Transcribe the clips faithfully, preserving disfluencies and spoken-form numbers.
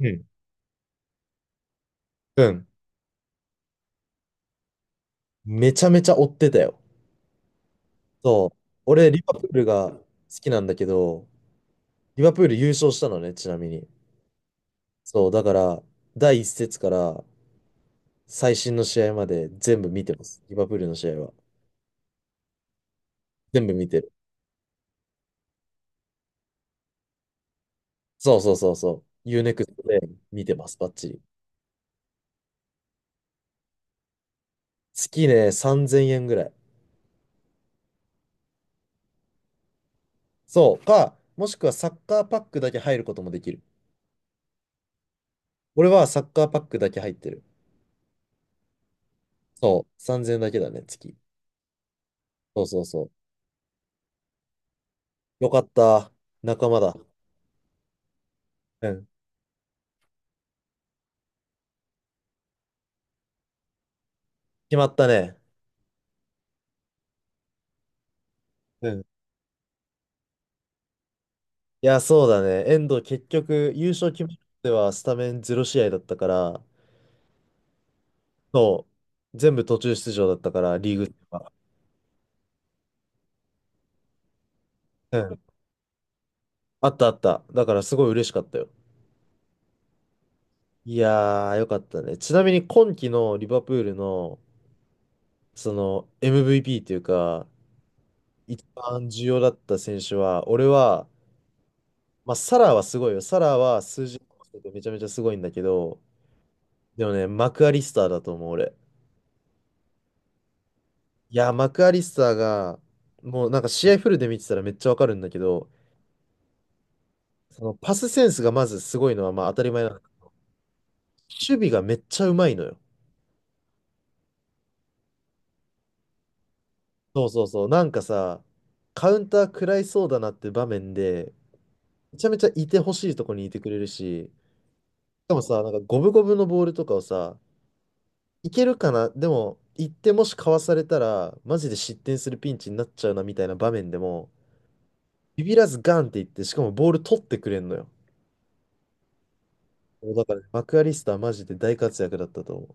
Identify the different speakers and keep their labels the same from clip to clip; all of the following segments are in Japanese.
Speaker 1: うん。うん。めちゃめちゃ追ってたよ。そう。俺、リバプールが好きなんだけど、リバプール優勝したのね、ちなみに。そう、だから、第一節から最新の試合まで全部見てます。リバプールの試合は。全部見てる。そうそうそうそう。ユーネクストで見てます、バッチリ。月ね、さんぜんえんぐらい。そう。か、もしくはサッカーパックだけ入ることもできる。俺はサッカーパックだけ入ってる。そう。さんぜんえんだけだね、月。そうそうそう。よかった。仲間だ。うん。決まったね。うん。いや、そうだね。遠藤結局、優勝決めるまではスタメンゼロしあい試合だったから、そう、全部途中出場だったから、リーグは。うん。あったあった。だからすごい嬉しかったよ。いやー、よかったね。ちなみに今季のリバプールの、その エムブイピー というか、一番重要だった選手は、俺は、まあ、サラーはすごいよ。サラーは数字めちゃめちゃすごいんだけど、でもね、マクアリスターだと思う、俺。いや、マクアリスターが、もうなんか試合フルで見てたらめっちゃわかるんだけど、そのパスセンスがまずすごいのはまあ当たり前なんだけど。守備がめっちゃうまいのよ。そうそうそう。なんかさ、カウンター食らいそうだなって場面で、めちゃめちゃいてほしいとこにいてくれるし、しかもさ、なんか五分五分のボールとかをさ、いけるかな、でも、行ってもしかわされたら、マジで失点するピンチになっちゃうなみたいな場面でも、ビビらずガンっていって、しかもボール取ってくれんのよ。そうだから、マクアリスターマジで大活躍だったと思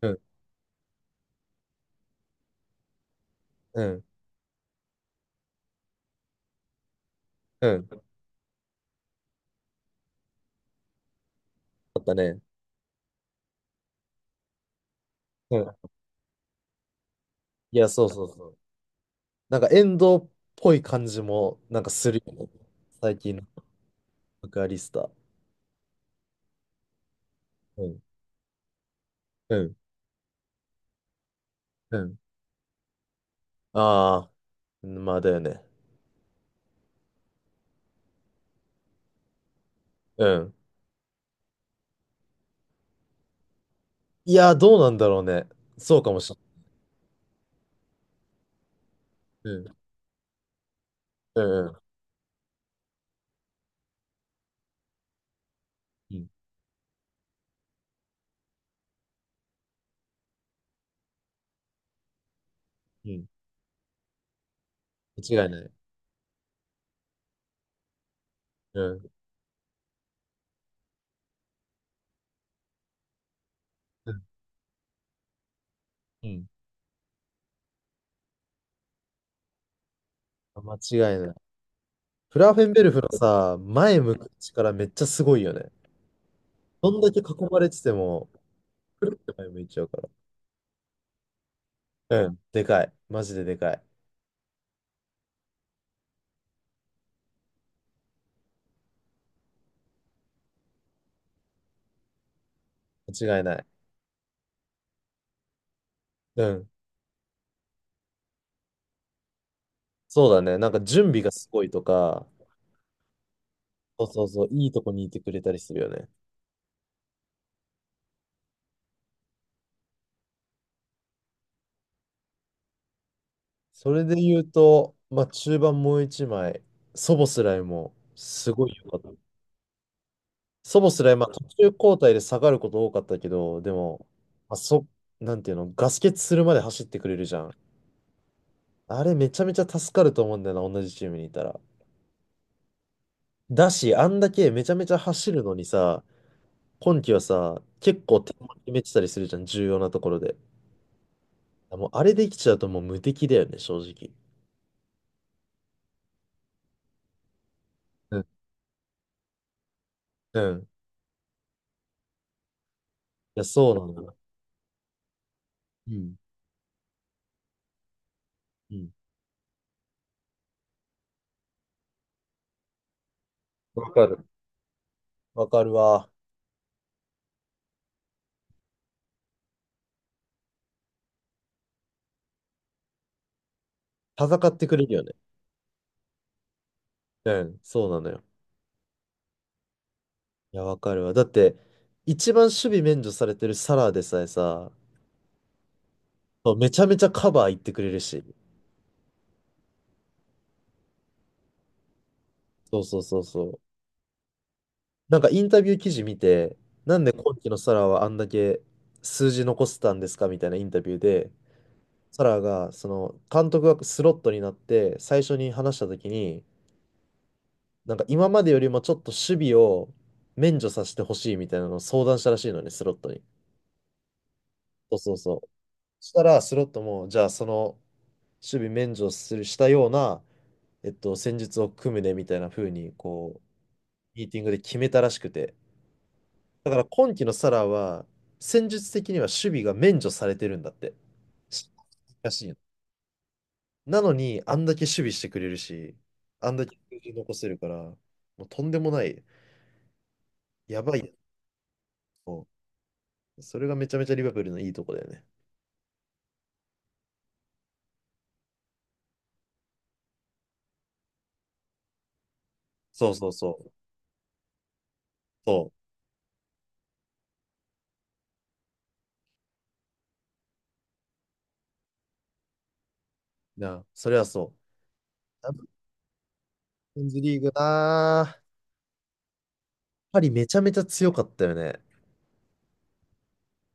Speaker 1: う。うん、うん、うん。だったね。うん。いや、そうそうそう。なんか、遠藤っぽい感じも、なんかするよね。最近のマクアリスター。うん、うん、うん。ああ、まあだよね。うん。いや、どうなんだろうね。そうかもしれない。うん、うん、うん。うん、うん。間違いない。うん、うん、うん。間違いない。フラーフェンベルフのさ、前向く力めっちゃすごいよね。どんだけ囲まれてても、前向いちゃうから。うん、でかい。マジででかい。間違いない。うん。そうだね。なんか準備がすごいとか、そうそうそう、いいとこにいてくれたりするよね。それで言うと、まあ中盤もう一枚、ソボスライもすごい良かった。ソボスライ、まあ途中交代で下がること多かったけど、でも、まあ、そ、なんていうの、ガス欠するまで走ってくれるじゃん。あれめちゃめちゃ助かると思うんだよな、同じチームにいたら。だし、あんだけめちゃめちゃ走るのにさ、今期はさ、結構点も決めてたりするじゃん、重要なところで。もうあれできちゃうともう無敵だよね、正直。うん。うん。いや、そうなんだ。うん。うん。わかる。わかるわ。戦ってくれるよね。うん。そうなのよ。いや、わかるわ。だって、一番守備免除されてるサラーでさえさ、そうめちゃめちゃカバー行ってくれるし。そうそうそうそう。なんかインタビュー記事見て、なんで今期のサラーはあんだけ数字残せたんですかみたいなインタビューで、サラが、その、監督がスロットになって、最初に話したときに、なんか今までよりもちょっと守備を免除させてほしいみたいなのを相談したらしいのね、スロットに。そうそうそう。したら、スロットも、じゃあその、守備免除する、したような、えっと、戦術を組むね、みたいな風に、こう、ミーティングで決めたらしくて。だから今季のサラは、戦術的には守備が免除されてるんだって。しらしいの。なのに、あんだけ守備してくれるし、あんだけ数字残せるから、もうとんでもない、やばいやつを。それがめちゃめちゃリバプールのいいとこだよね。そうそうそう。そう。なあ、それはそう。チャンピオンズリーグなあ、パリめちゃめちゃ強かったよね。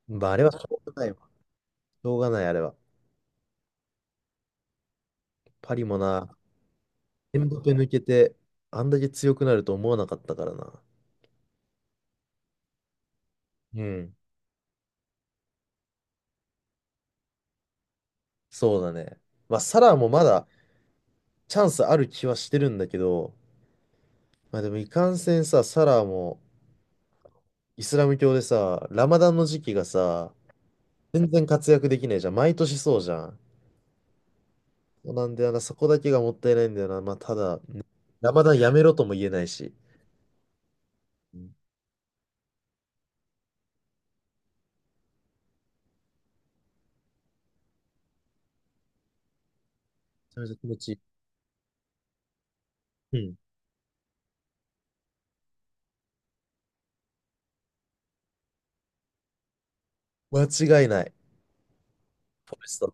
Speaker 1: まあ、あれはしょうがないわ。しょうがない、あれは。パリもな、エムバペ抜けて、あんだけ強くなると思わなかったからな。うん。そうだね。まあ、サラーもまだチャンスある気はしてるんだけど、まあでもいかんせんさ、サラーも、イスラム教でさ、ラマダンの時期がさ、全然活躍できないじゃん。毎年そうじゃん。そうなんだよな、そこだけがもったいないんだよな。まあ、ただ、ラマダンやめろとも言えないし。うん、めちゃめちゃ気持ちいい。うん。間違いない。フォレスト。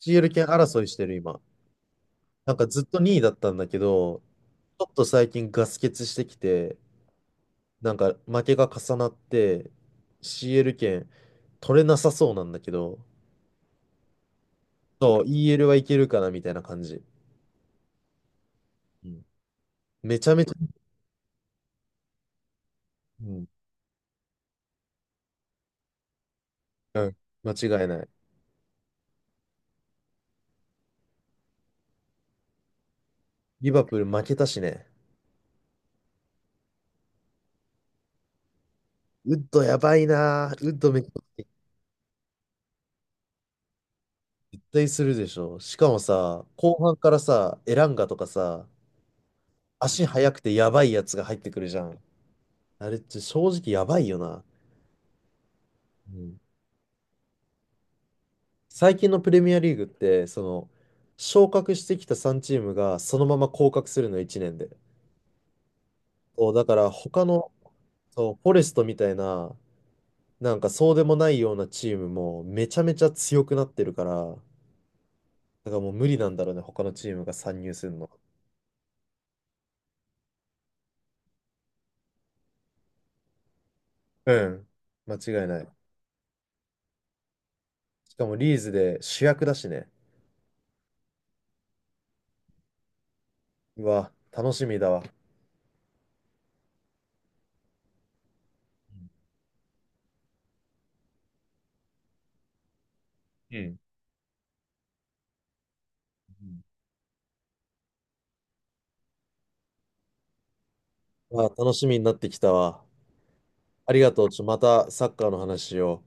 Speaker 1: シーエル 権争いしてる今。なんかずっとにいだったんだけど、ちょっと最近ガス欠してきて、なんか負けが重なって、シーエル 権取れなさそうなんだけど、そう、イーエル はいけるかなみたいな感じ。うん、めちゃめちゃ、うん、間違いない。リバプール負けたしね。ウッドやばいな。ウッドめっちゃ絶対するでしょ。しかもさ、後半からさ、エランガとかさ、足速くてやばいやつが入ってくるじゃん。あれって正直やばいよな。うん。最近のプレミアリーグって、その、昇格してきたさんチームチームがそのまま降格するのいちねんで。そう、だから他の、そう、フォレストみたいな、なんかそうでもないようなチームもめちゃめちゃ強くなってるから、だからもう無理なんだろうね、他のチームが参入するの。うん。間違いない。しかもリーズで主役だしね。うわ、楽しみだわ。うん。うん、うわ、楽しみになってきたわ。ありがとう。ちょ、またサッカーの話を。